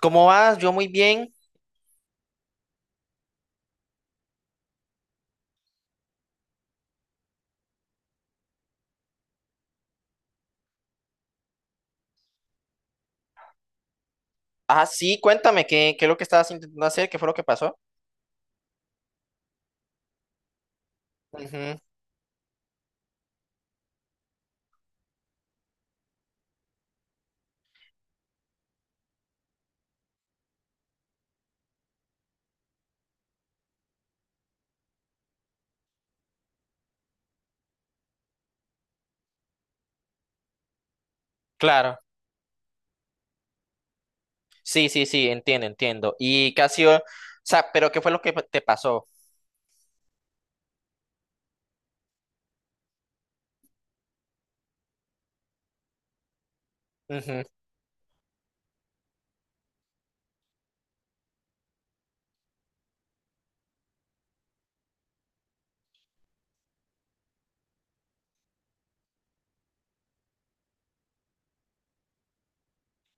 ¿Cómo vas? Yo muy bien. Ah, sí, cuéntame, ¿qué es lo que estabas intentando hacer? ¿Qué fue lo que pasó? Ujú, claro. Sí, sí, sí, entiendo. ¿Y qué ha sido? O sea, ¿pero qué fue lo que te pasó? Ujú.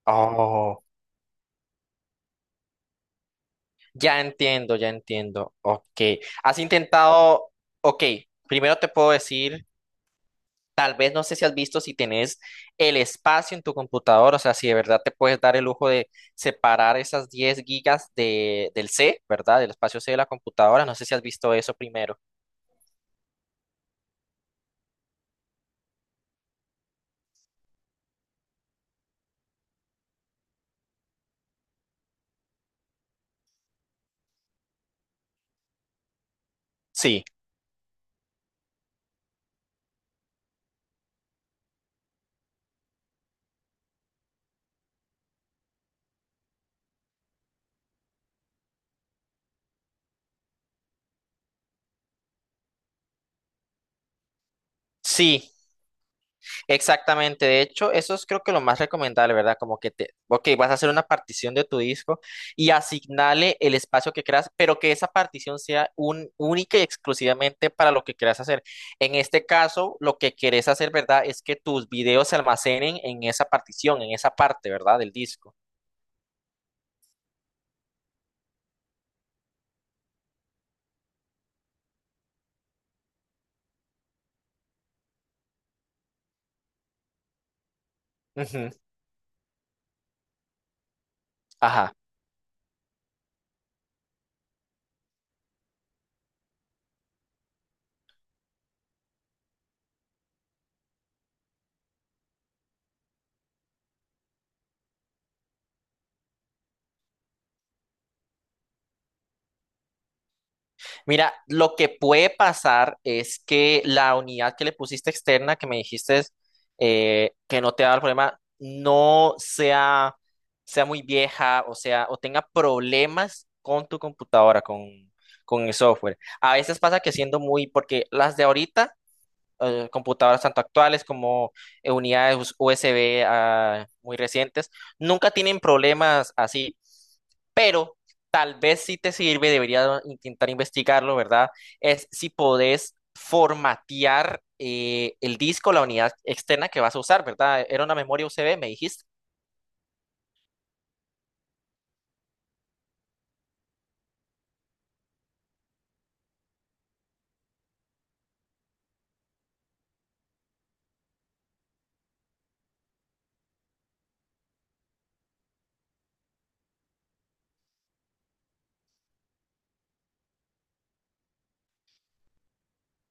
Oh, ya entiendo. Ok. ¿Has intentado? Ok, primero te puedo decir, tal vez no sé si has visto si tenés el espacio en tu computador, o sea, si de verdad te puedes dar el lujo de separar esas 10 gigas de, del C, ¿verdad? Del espacio C de la computadora. No sé si has visto eso primero. Sí, sí, exactamente. De hecho, eso es creo que lo más recomendable, ¿verdad? Como que te, ok, vas a hacer una partición de tu disco y asignale el espacio que creas, pero que esa partición sea un, única y exclusivamente para lo que quieras hacer. En este caso, lo que querés hacer, ¿verdad? Es que tus videos se almacenen en esa partición, en esa parte, ¿verdad? Del disco. Ujú, ajá. Mira, lo que puede pasar es que la unidad que le pusiste externa, que me dijiste que no te va a dar problema, no sea, sea muy vieja, o sea, o tenga problemas con tu computadora, con el software. A veces pasa que siendo muy, porque las de ahorita computadoras tanto actuales como USB muy recientes, nunca tienen problemas así, pero tal vez si te sirve, debería intentar investigarlo, ¿verdad? Es si podés formatear el disco, la unidad externa que vas a usar, ¿verdad? Era una memoria USB, me dijiste,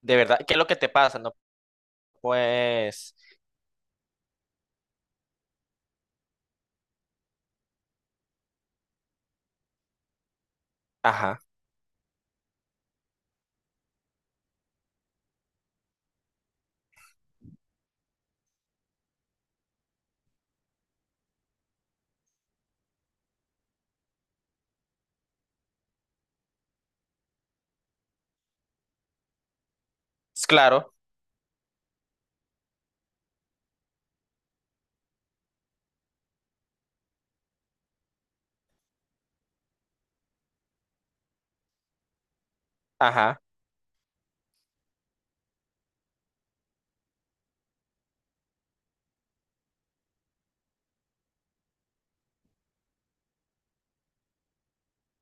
de verdad, ¿qué es lo que te pasa? No, pues, ajá, claro, ajá.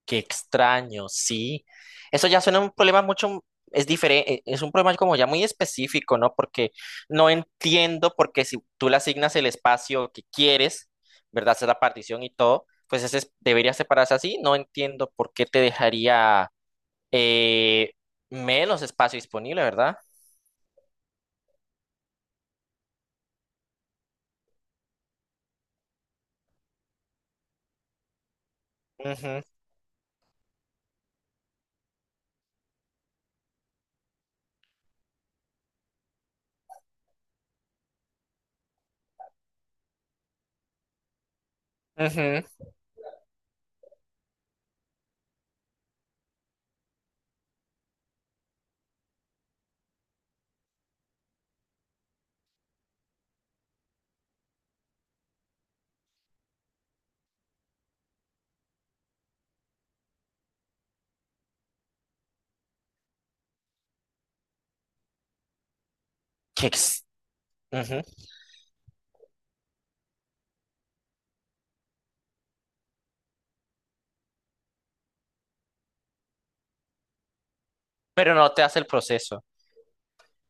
Qué extraño, sí. Eso ya suena un problema mucho, es diferente, es un problema como ya muy específico, ¿no? Porque no entiendo porque si tú le asignas el espacio que quieres, ¿verdad? Hacer la partición y todo, pues ese es- debería separarse así. No entiendo por qué te dejaría eh, menos espacio disponible, ¿verdad? Ujú, ujú. Qué ex- ujú. Pero no te hace el proceso.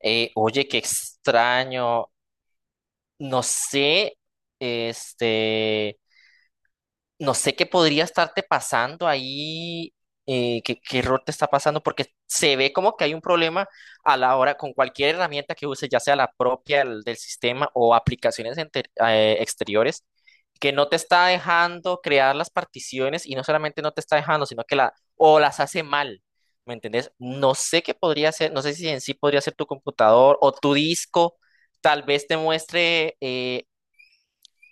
Oye, qué extraño. No sé, este. no sé qué podría estarte pasando ahí, qué error te está pasando, porque se ve como que hay un problema a la hora con cualquier herramienta que uses, ya sea la propia del, del sistema o aplicaciones exteriores, que no te está dejando crear las particiones y no solamente no te está dejando, sino que la, o las hace mal. ¿Me entendés? No sé qué podría ser, no sé si en sí podría ser tu computador o tu disco, tal vez te muestre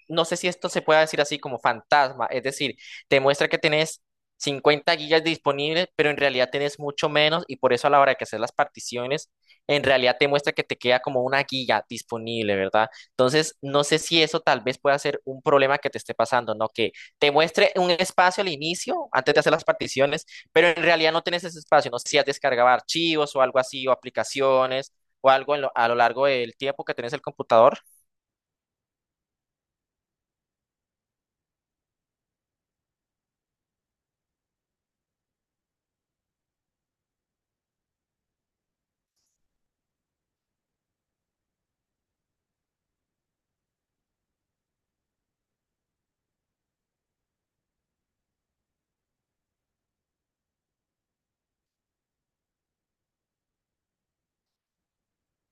no sé si esto se puede decir así como fantasma, es decir, te muestra que tenés 50 gigas disponibles, pero en realidad tenés mucho menos y por eso a la hora de que haces las particiones, en realidad te muestra que te queda como 1 giga disponible, ¿verdad? Entonces, no sé si eso tal vez pueda ser un problema que te esté pasando, ¿no? Que te muestre un espacio al inicio, antes de hacer las particiones, pero en realidad no tenés ese espacio, no sé si has descargado archivos o algo así, o aplicaciones, o algo en a lo largo del tiempo que tenés el computador.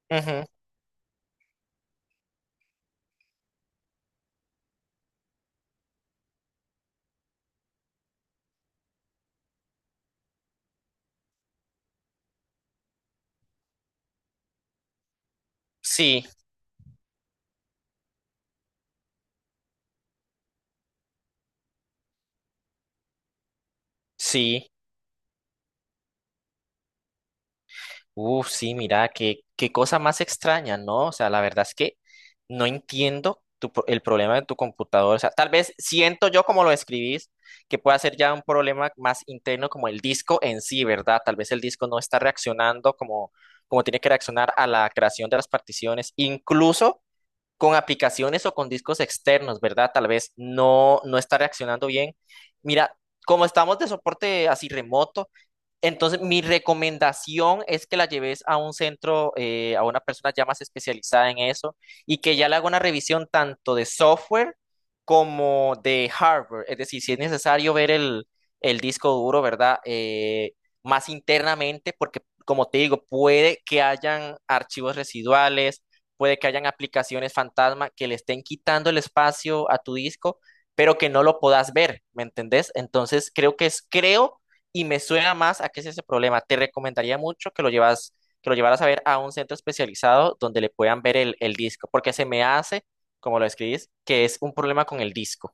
Ujú, sí, sí. Uf, sí, mira, qué cosa más extraña, ¿no? O sea, la verdad es que no entiendo tu el problema de tu computador. O sea, tal vez siento yo como lo escribís, que pueda ser ya un problema más interno como el disco en sí, ¿verdad? Tal vez el disco no está reaccionando como, como tiene que reaccionar a la creación de las particiones, incluso con aplicaciones o con discos externos, ¿verdad? Tal vez no, no está reaccionando bien. Mira, como estamos de soporte así remoto. Entonces, mi recomendación es que la lleves a un centro, a una persona ya más especializada en eso y que ya le haga una revisión tanto de software como de hardware. Es decir, si es necesario ver el disco duro, ¿verdad? Más internamente, porque como te digo, puede que hayan archivos residuales, puede que hayan aplicaciones fantasma que le estén quitando el espacio a tu disco, pero que no lo puedas ver, ¿me entendés? Entonces, creo que es, creo y me suena más a que es ese problema. Te recomendaría mucho que lo llevas, que lo llevaras a ver a un centro especializado donde le puedan ver el disco, porque se me hace, como lo escribís, que es un problema con el disco.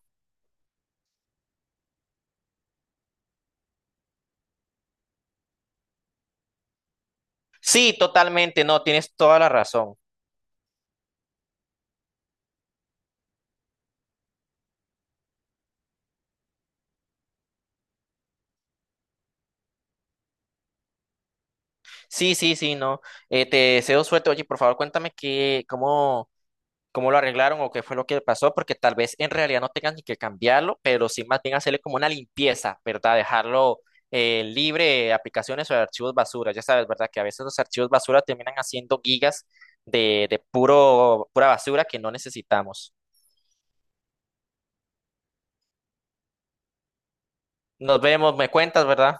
Sí, totalmente, no, tienes toda la razón. Sí, sí, sí, no. Te deseo suerte. Oye, por favor, cuéntame cómo lo arreglaron o qué fue lo que pasó, porque tal vez en realidad no tengan ni que cambiarlo, pero sí más bien hacerle como una limpieza, ¿verdad? Dejarlo libre de aplicaciones o de archivos basura. Ya sabes, ¿verdad? Que a veces los archivos basura terminan haciendo gigas de puro, pura basura que no necesitamos. Nos vemos, me cuentas, ¿verdad?